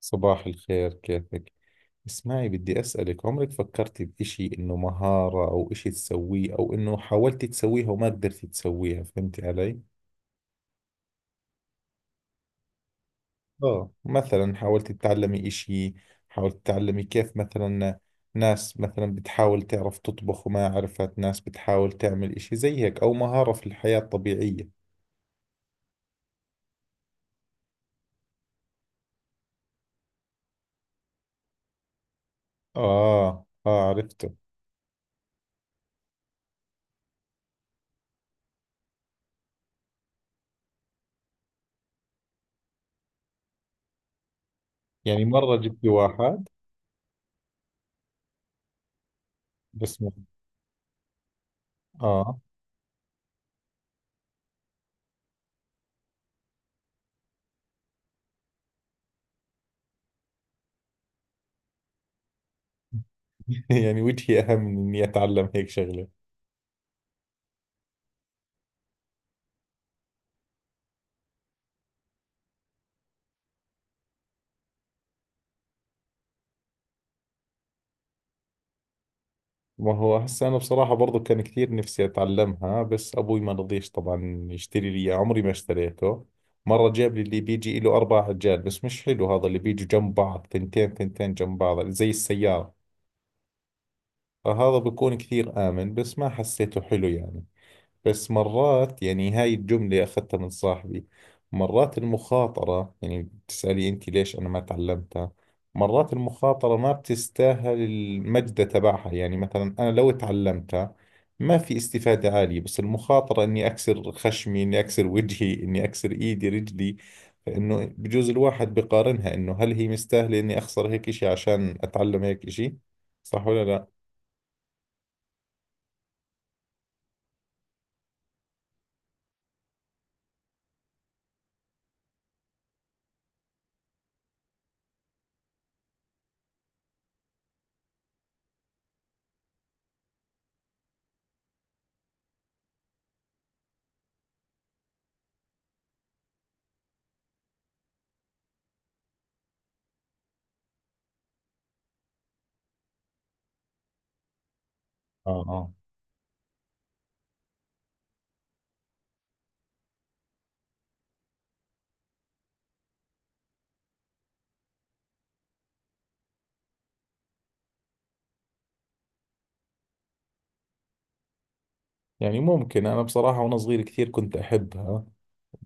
صباح الخير، كيفك؟ اسمعي، بدي أسألك، عمرك فكرتي بإشي إنه مهارة أو إشي تسويه أو إنه حاولتي تسويها وما قدرتي تسويها؟ فهمتي علي؟ آه، مثلا حاولتي تتعلمي إشي. حاولتي تتعلمي كيف؟ مثلا ناس مثلا بتحاول تعرف تطبخ وما عرفت، ناس بتحاول تعمل إشي زي هيك أو مهارة في الحياة الطبيعية. آه، آه، عرفته. يعني مرة جبت واحد. بس م- آه. يعني وجهي أهم من إني أتعلم هيك شغلة. ما هو هسه أنا بصراحة برضو كان كثير نفسي أتعلمها، بس أبوي ما رضيش طبعا يشتري لي إياه، عمري ما اشتريته. مرة جاب لي اللي بيجي له أربع عجال، بس مش حلو هذا اللي بيجوا جنب بعض ثنتين ثنتين جنب بعض زي السيارة. فهذا بكون كثير آمن، بس ما حسيته حلو يعني. بس مرات يعني هاي الجملة أخذتها من صاحبي. مرات المخاطرة، يعني بتسألي أنت ليش أنا ما تعلمتها؟ مرات المخاطرة ما بتستاهل المجد تبعها. يعني مثلا أنا لو تعلمتها ما في استفادة عالية، بس المخاطرة إني أكسر خشمي، إني أكسر وجهي، إني أكسر إيدي رجلي. فإنه بجوز الواحد بقارنها، إنه هل هي مستاهلة إني أخسر هيك إشي عشان أتعلم هيك إشي؟ صح ولا لا؟ آه، آه. يعني ممكن، أنا بصراحة وأنا صغير كثير كنت أحبها،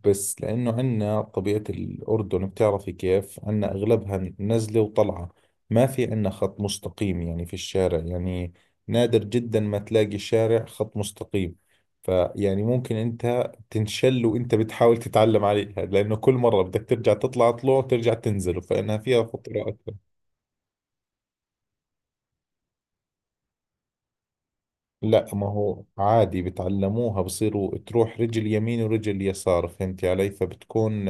بس لأنه عندنا طبيعة الأردن بتعرفي كيف، عندنا أغلبها نزلة وطلعة. ما في عندنا خط مستقيم يعني في الشارع. يعني نادر جدا ما تلاقي شارع خط مستقيم. فيعني ممكن أنت تنشل وأنت بتحاول تتعلم عليها، لأنه كل مرة بدك ترجع تطلع طلوع وترجع تنزل، فإنها فيها خطورة. لا، ما هو عادي بتعلموها، بصيروا تروح رجل يمين ورجل يسار، فهمتي علي؟ فبتكون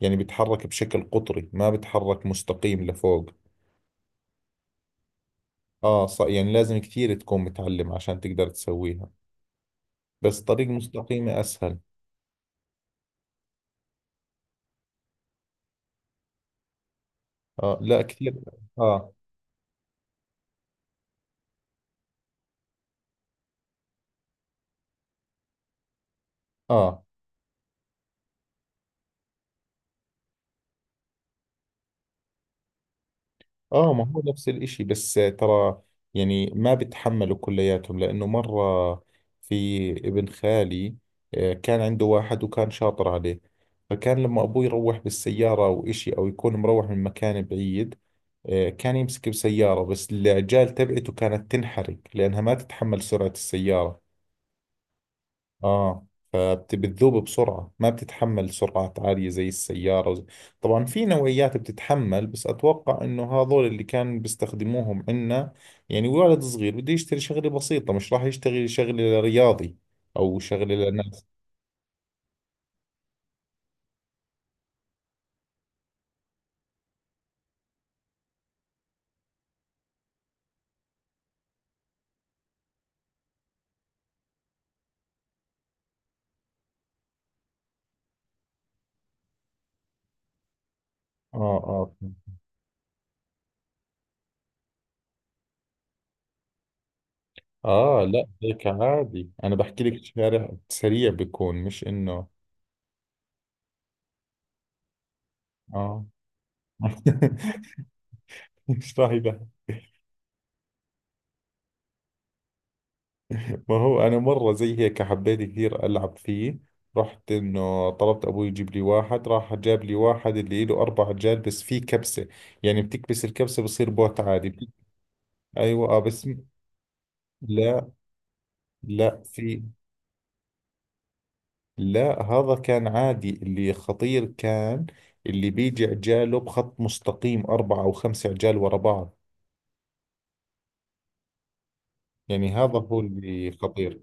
يعني بتحرك بشكل قطري، ما بتحرك مستقيم لفوق. اه، يعني لازم كثير تكون متعلم عشان تقدر تسويها. بس طريق مستقيمة اسهل. اه، لا كثير. اه، اه، اه، ما هو نفس الاشي، بس ترى يعني ما بتحملوا كلياتهم. لانه مرة في ابن خالي، آه، كان عنده واحد وكان شاطر عليه. فكان لما ابوه يروح بالسيارة او اشي، او يكون مروح من مكان بعيد، آه، كان يمسك بسيارة، بس العجال تبعته كانت تنحرق لانها ما تتحمل سرعة السيارة. اه، فبتذوب بسرعة، ما بتتحمل سرعات عالية زي السيارة. طبعا في نوعيات بتتحمل، بس أتوقع إنه هذول اللي كان بيستخدموهم عنا. يعني ولد صغير بده يشتري شغلة بسيطة مش راح يشتغل شغلة رياضي، أو شغلة لناس. اه، اه، اه، آه، لا هيك عادي، أنا بحكي لك شارع سريع بيكون مش إنه. اه. مش راح يبهدل. ما هو أنا مرة زي هيك حبيت كثير ألعب فيه. رحت إنه طلبت أبوي يجيب لي واحد، راح جاب لي واحد اللي له أربع عجال، بس فيه كبسة. يعني بتكبس الكبسة بصير بوت عادي. أيوة، آه، لا، لا، في. لا، هذا كان عادي. اللي خطير كان اللي بيجي عجاله بخط مستقيم أربعة أو خمسة عجال ورا بعض. يعني هذا هو اللي خطير.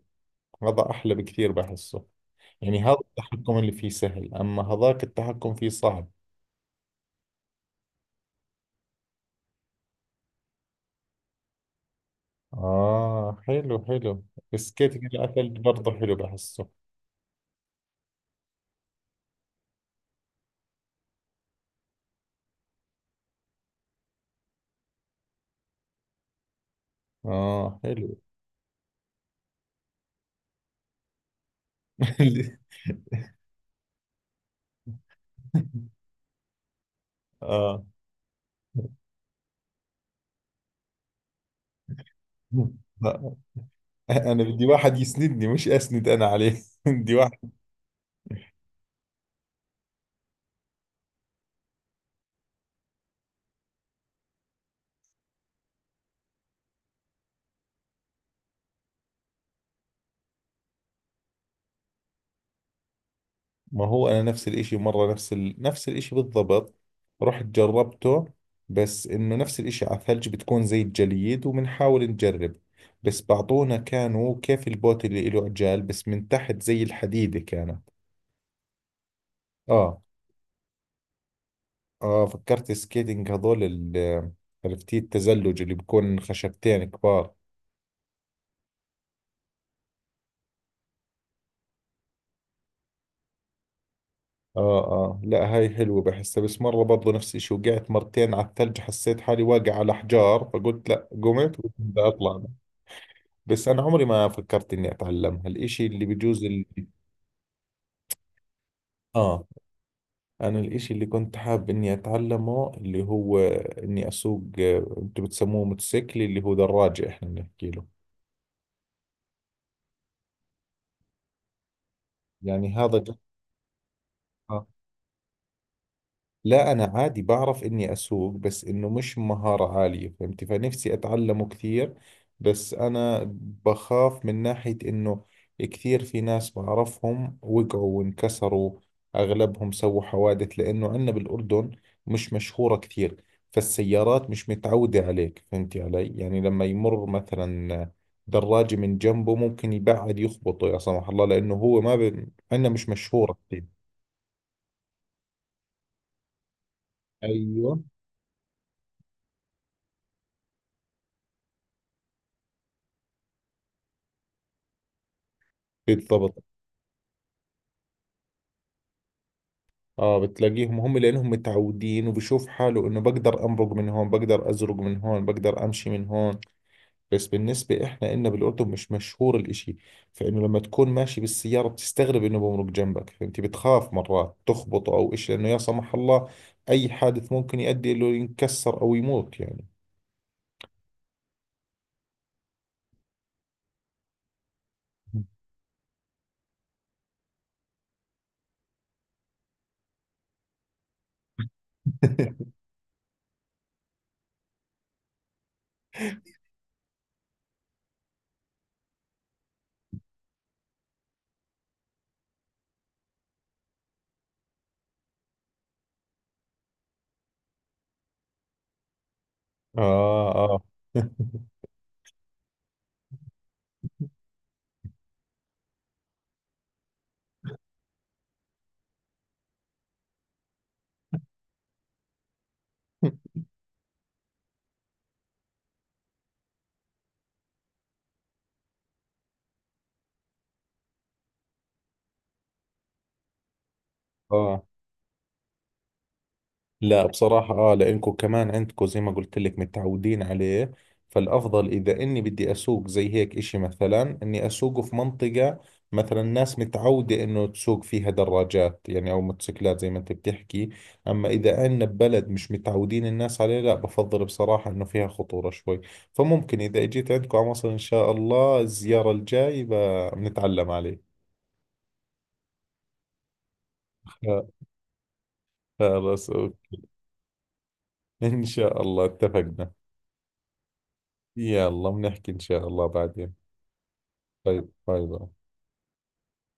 هذا أحلى بكثير بحسه. يعني هذا التحكم اللي فيه سهل، أما هذاك التحكم فيه صعب. آه، حلو حلو. السكيت كده على ثلج برضه حلو بحسه. آه، حلو. آه، لا أنا بدي واحد يسندني، مش أسند أنا عليه. بدي واحد. ما هو أنا نفس الإشي، مرة نفس نفس الإشي بالضبط. رحت جربته، بس إنه نفس الإشي على الثلج بتكون زي الجليد وبنحاول نجرب. بس بعطونا كانوا كيف، البوت اللي إله عجال بس من تحت زي الحديدة كانت. آه، اه، فكرت سكيتنج هذول. عرفتي التزلج اللي بكون خشبتين كبار؟ اه، اه، لا هاي حلوة بحسها، بس مرة برضو نفس الشيء، وقعت مرتين على الثلج، حسيت حالي واقع على حجار، فقلت لا، قمت وقلت بدي اطلع. بس انا عمري ما فكرت اني اتعلمها الاشي اللي بجوز اللي، اه انا الاشي اللي كنت حاب اني اتعلمه اللي هو اني اسوق، آه، انتم بتسموه موتوسيكل، اللي هو دراجة احنا بنحكي له. يعني لا أنا عادي بعرف إني أسوق، بس إنه مش مهارة عالية، فهمتي؟ فنفسي أتعلمه كثير. بس أنا بخاف من ناحية إنه كثير في ناس بعرفهم وقعوا وانكسروا، أغلبهم سووا حوادث، لأنه عندنا بالأردن مش مشهورة كثير. فالسيارات مش متعودة عليك، فهمتي علي؟ يعني لما يمر مثلا دراجة من جنبه ممكن يبعد يخبطه، يا سمح الله، لأنه هو ما ب... عندنا مش مشهورة كثير. ايوه، بالضبط. اه، بتلاقيهم هم لانهم متعودين، وبشوف حاله انه بقدر امرق من هون، بقدر ازرق من هون، بقدر امشي من هون. بس بالنسبة احنا إلنا بالاردن مش مشهور الاشي. فانه لما تكون ماشي بالسيارة بتستغرب انه بمرق جنبك، فانت بتخاف مرات تخبط او اشي، لانه يا سمح الله، اي حادث ممكن يؤدي انه ينكسر او يموت يعني. اه، اه. اه، لا بصراحة، اه لانكم كمان عندكم زي ما قلت لك متعودين عليه. فالافضل اذا اني بدي اسوق زي هيك اشي، مثلا اني اسوقه في منطقة مثلا ناس متعودة انه تسوق فيها دراجات يعني، او موتوسيكلات زي ما انت بتحكي. اما اذا عندنا ببلد مش متعودين الناس عليه، لا بفضل بصراحة انه فيها خطورة شوي. فممكن اذا اجيت عندكم على مصر ان شاء الله الزيارة الجاي، بنتعلم عليه. خ- خلص، اوكي. ان شاء الله اتفقنا. يلا بنحكي ان شاء الله بعدين. طيب، طيب.